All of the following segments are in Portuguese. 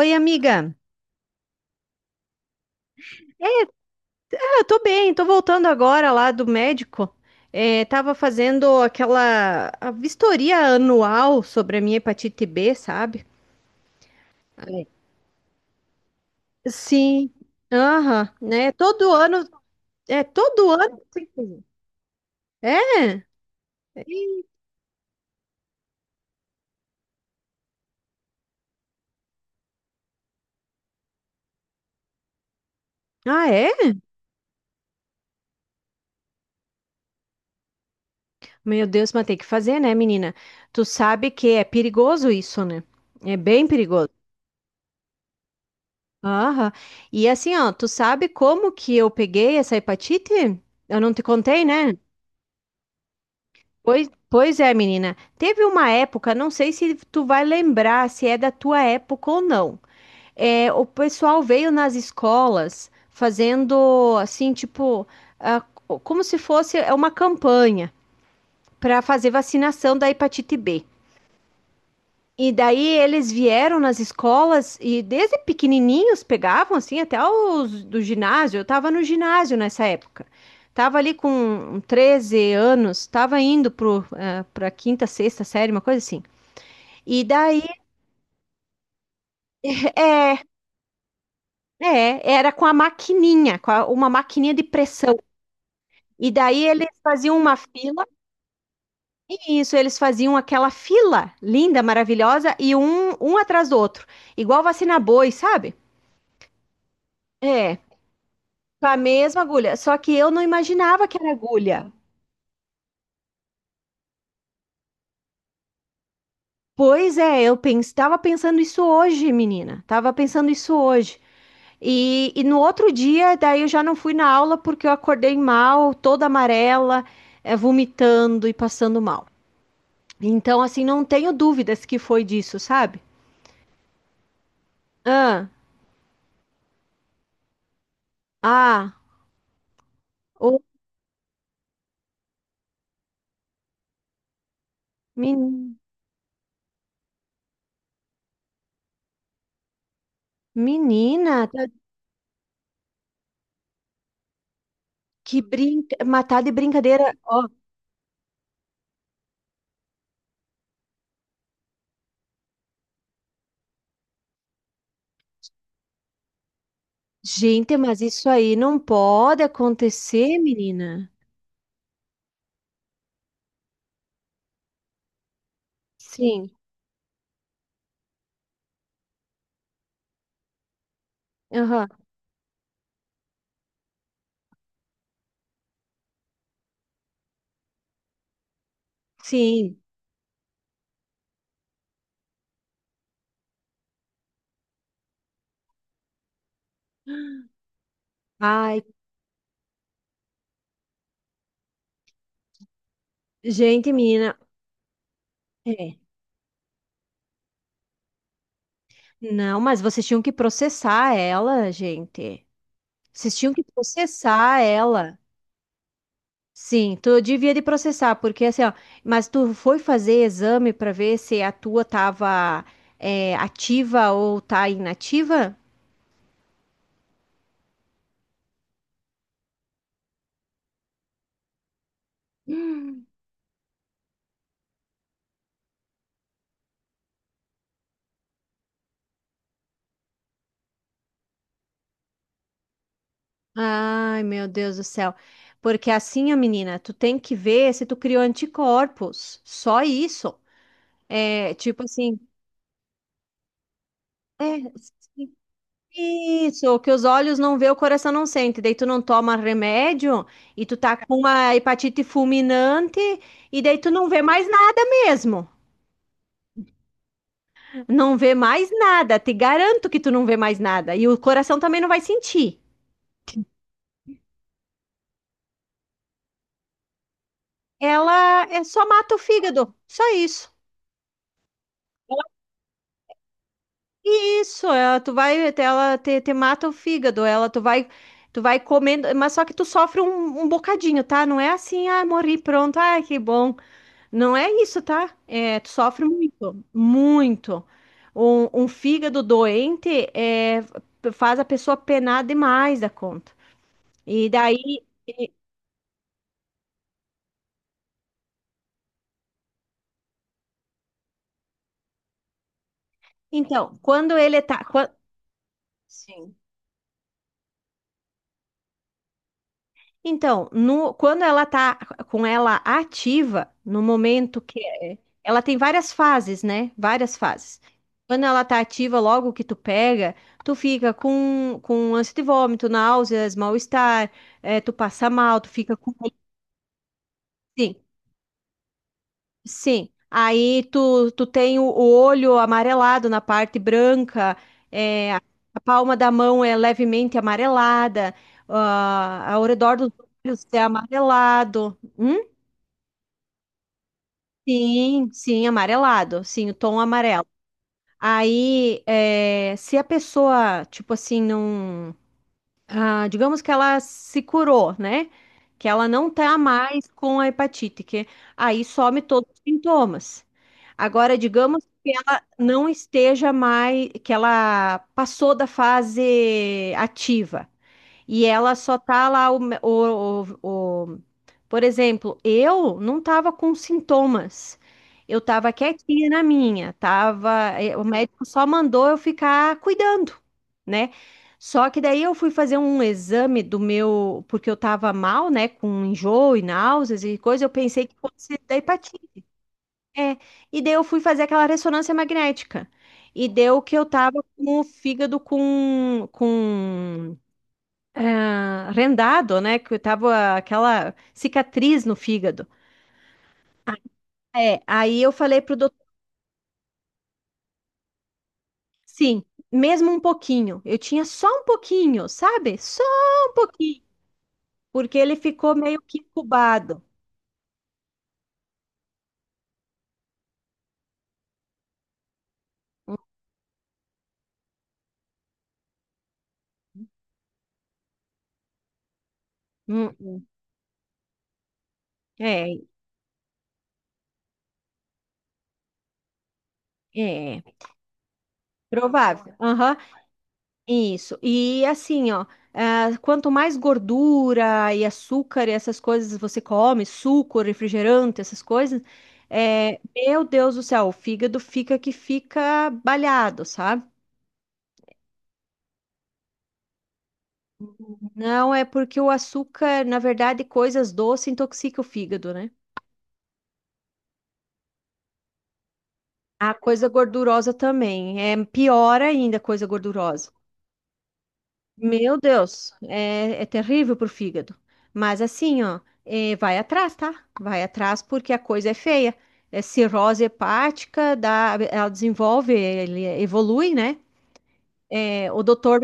Oi, amiga. Ah, eu tô bem, tô voltando agora lá do médico. É, tava fazendo aquela a vistoria anual sobre a minha hepatite B, sabe? Sim. Aham, né? Todo ano, é todo ano tem que fazer. É? Ah, é? Meu Deus, mas tem que fazer, né, menina? Tu sabe que é perigoso isso, né? É bem perigoso. Aham. E assim, ó, tu sabe como que eu peguei essa hepatite? Eu não te contei, né? Pois é, menina. Teve uma época, não sei se tu vai lembrar se é da tua época ou não. É, o pessoal veio nas escolas fazendo assim, tipo, ah, como se fosse é, uma campanha para fazer vacinação da hepatite B. E daí eles vieram nas escolas e desde pequenininhos pegavam assim até os do ginásio. Eu tava no ginásio nessa época. Tava ali com 13 anos, tava indo pra quinta, sexta série, uma coisa assim. E daí, é, era com a maquininha, uma maquininha de pressão. E daí eles faziam uma fila, e isso, eles faziam aquela fila linda, maravilhosa, e um atrás do outro. Igual vacina boi, sabe? É, com a mesma agulha. Só que eu não imaginava que era agulha. Pois é, eu estava pensando isso hoje, menina. Tava pensando isso hoje. E no outro dia, daí eu já não fui na aula porque eu acordei mal, toda amarela, vomitando e passando mal. Então, assim, não tenho dúvidas que foi disso, sabe? Ah, ah, ô, men- menina, que brinca, matar de brincadeira. Ó, gente, mas isso aí não pode acontecer, menina. Sim, aham, sim. Ai, gente, menina. É. Não, mas vocês tinham que processar ela, gente. Vocês tinham que processar ela. Sim, tu devia de processar, porque assim, ó, mas tu foi fazer exame para ver se a tua tava é, ativa ou tá inativa? Ai, meu Deus do céu. Porque assim, ó, menina, tu tem que ver se tu criou anticorpos. Só isso. É, tipo assim, é, sim. Isso, que os olhos não vê, o coração não sente. Daí tu não toma remédio e tu tá com uma hepatite fulminante e daí tu não vê mais nada mesmo. Não vê mais nada. Te garanto que tu não vê mais nada. E o coração também não vai sentir. Ela é só mata o fígado, só isso. Isso, ela, tu vai, ela te, te mata o fígado, ela tu vai comendo, mas só que tu sofre um bocadinho, tá? Não é assim, ah, morri, pronto, ah, que bom. Não é isso, tá? É, tu sofre muito, muito. Um fígado doente é, faz a pessoa penar demais da conta. E daí, então, quando ele tá, quan- Sim. Então, no, quando ela tá com ela ativa, no momento que é, ela tem várias fases, né? Várias fases. Quando ela tá ativa, logo que tu pega, tu fica com ânsia de vômito, náuseas, mal-estar, tu passa mal, tu fica com. Sim, sim. Aí tu, tu tem o olho amarelado na parte branca, é, a palma da mão é levemente amarelada, ah, ao redor dos olhos é amarelado. Hum? Sim, sim, amarelado, sim, o tom amarelo. Aí, é, se a pessoa, tipo assim, não. Ah, digamos que ela se curou, né? Que ela não tá mais com a hepatite, que aí some todos os sintomas. Agora, digamos que ela não esteja mais, que ela passou da fase ativa e ela só tá lá o, por exemplo, eu não estava com sintomas. Eu estava quietinha na minha, tava, o médico só mandou eu ficar cuidando, né? Só que daí eu fui fazer um exame do meu, porque eu estava mal, né, com enjoo e náuseas e coisa, eu pensei que fosse da hepatite. É. E daí eu fui fazer aquela ressonância magnética. E deu que eu tava com o fígado com rendado, né? Que eu tava aquela cicatriz no fígado. É, aí eu falei pro doutor, sim, mesmo um pouquinho. Eu tinha só um pouquinho, sabe? Só um pouquinho, porque ele ficou meio que incubado. Hum, hum, hum. É, é, provável. Aham, isso. E assim, ó, ah, quanto mais gordura e açúcar e essas coisas você come, suco, refrigerante, essas coisas, é, meu Deus do céu, o fígado fica que fica balhado, sabe? Não, é porque o açúcar, na verdade, coisas doces intoxica o fígado, né? A coisa gordurosa também. É pior ainda a coisa gordurosa. Meu Deus, é, é terrível pro fígado. Mas assim, ó, é, vai atrás, tá? Vai atrás porque a coisa é feia. É cirrose hepática, dá, ela desenvolve, ele evolui, né? É, o doutor.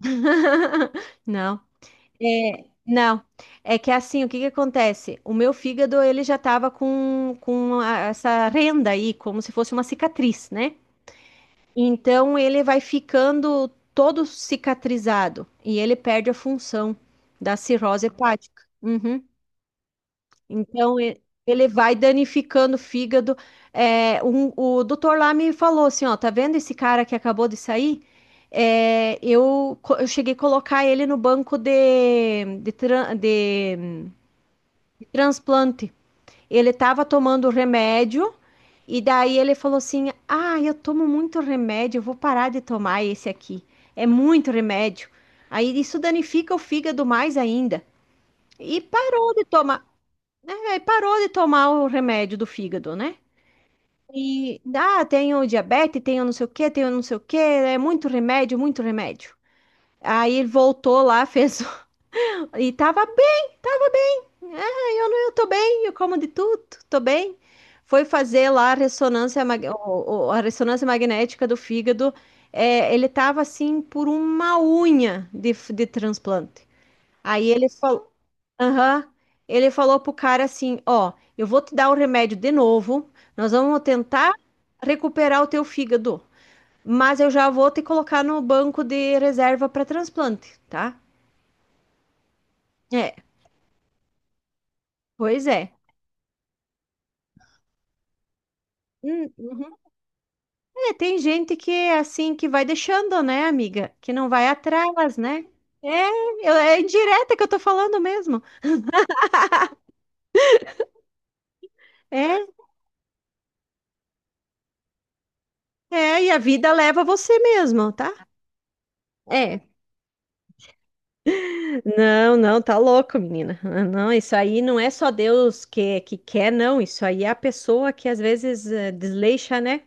Não. É, não, é que assim, o que que acontece? O meu fígado, ele já estava com, essa renda aí, como se fosse uma cicatriz, né? Então, ele vai ficando todo cicatrizado e ele perde a função da cirrose hepática. Uhum. Então, ele vai danificando o fígado. É, o doutor lá me falou assim, ó, tá vendo esse cara que acabou de sair? É, eu, eu cheguei a colocar ele no banco de transplante. Ele estava tomando remédio e daí ele falou assim: Ah, eu tomo muito remédio, eu vou parar de tomar esse aqui. É muito remédio. Aí isso danifica o fígado mais ainda. E parou de tomar, né? Parou de tomar o remédio do fígado, né? E ah, tenho diabetes, tenho não sei o que, tenho não sei o que, é muito remédio, muito remédio. Aí ele voltou lá, fez e tava bem, tava. Ah, eu não, eu tô bem, eu como de tudo, tô bem. Foi fazer lá a ressonância, a ressonância magnética do fígado. É, ele tava assim por uma unha de, de transplante. Aí ele falou, aham, ele falou pro cara assim, ó, eu vou te dar o remédio de novo, nós vamos tentar recuperar o teu fígado, mas eu já vou te colocar no banco de reserva para transplante, tá? É, pois é. Hum. É, tem gente que é assim que vai deixando, né, amiga? Que não vai atrás, né? É, é indireta que eu tô falando mesmo. É, e a vida leva você mesmo, tá? É. Não, não, tá louco, menina. Ah, não, isso aí não é só Deus que quer, não. Isso aí é a pessoa que às vezes eh, desleixa, né?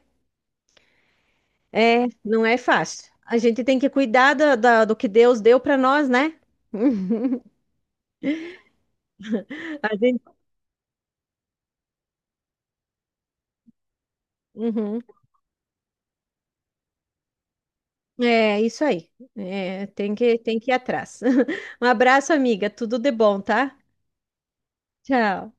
Não é fácil. A gente tem que cuidar do que Deus deu pra nós, né? A gente. Uhum. É isso aí. É, tem que ir atrás. Um abraço, amiga. Tudo de bom, tá? Tchau.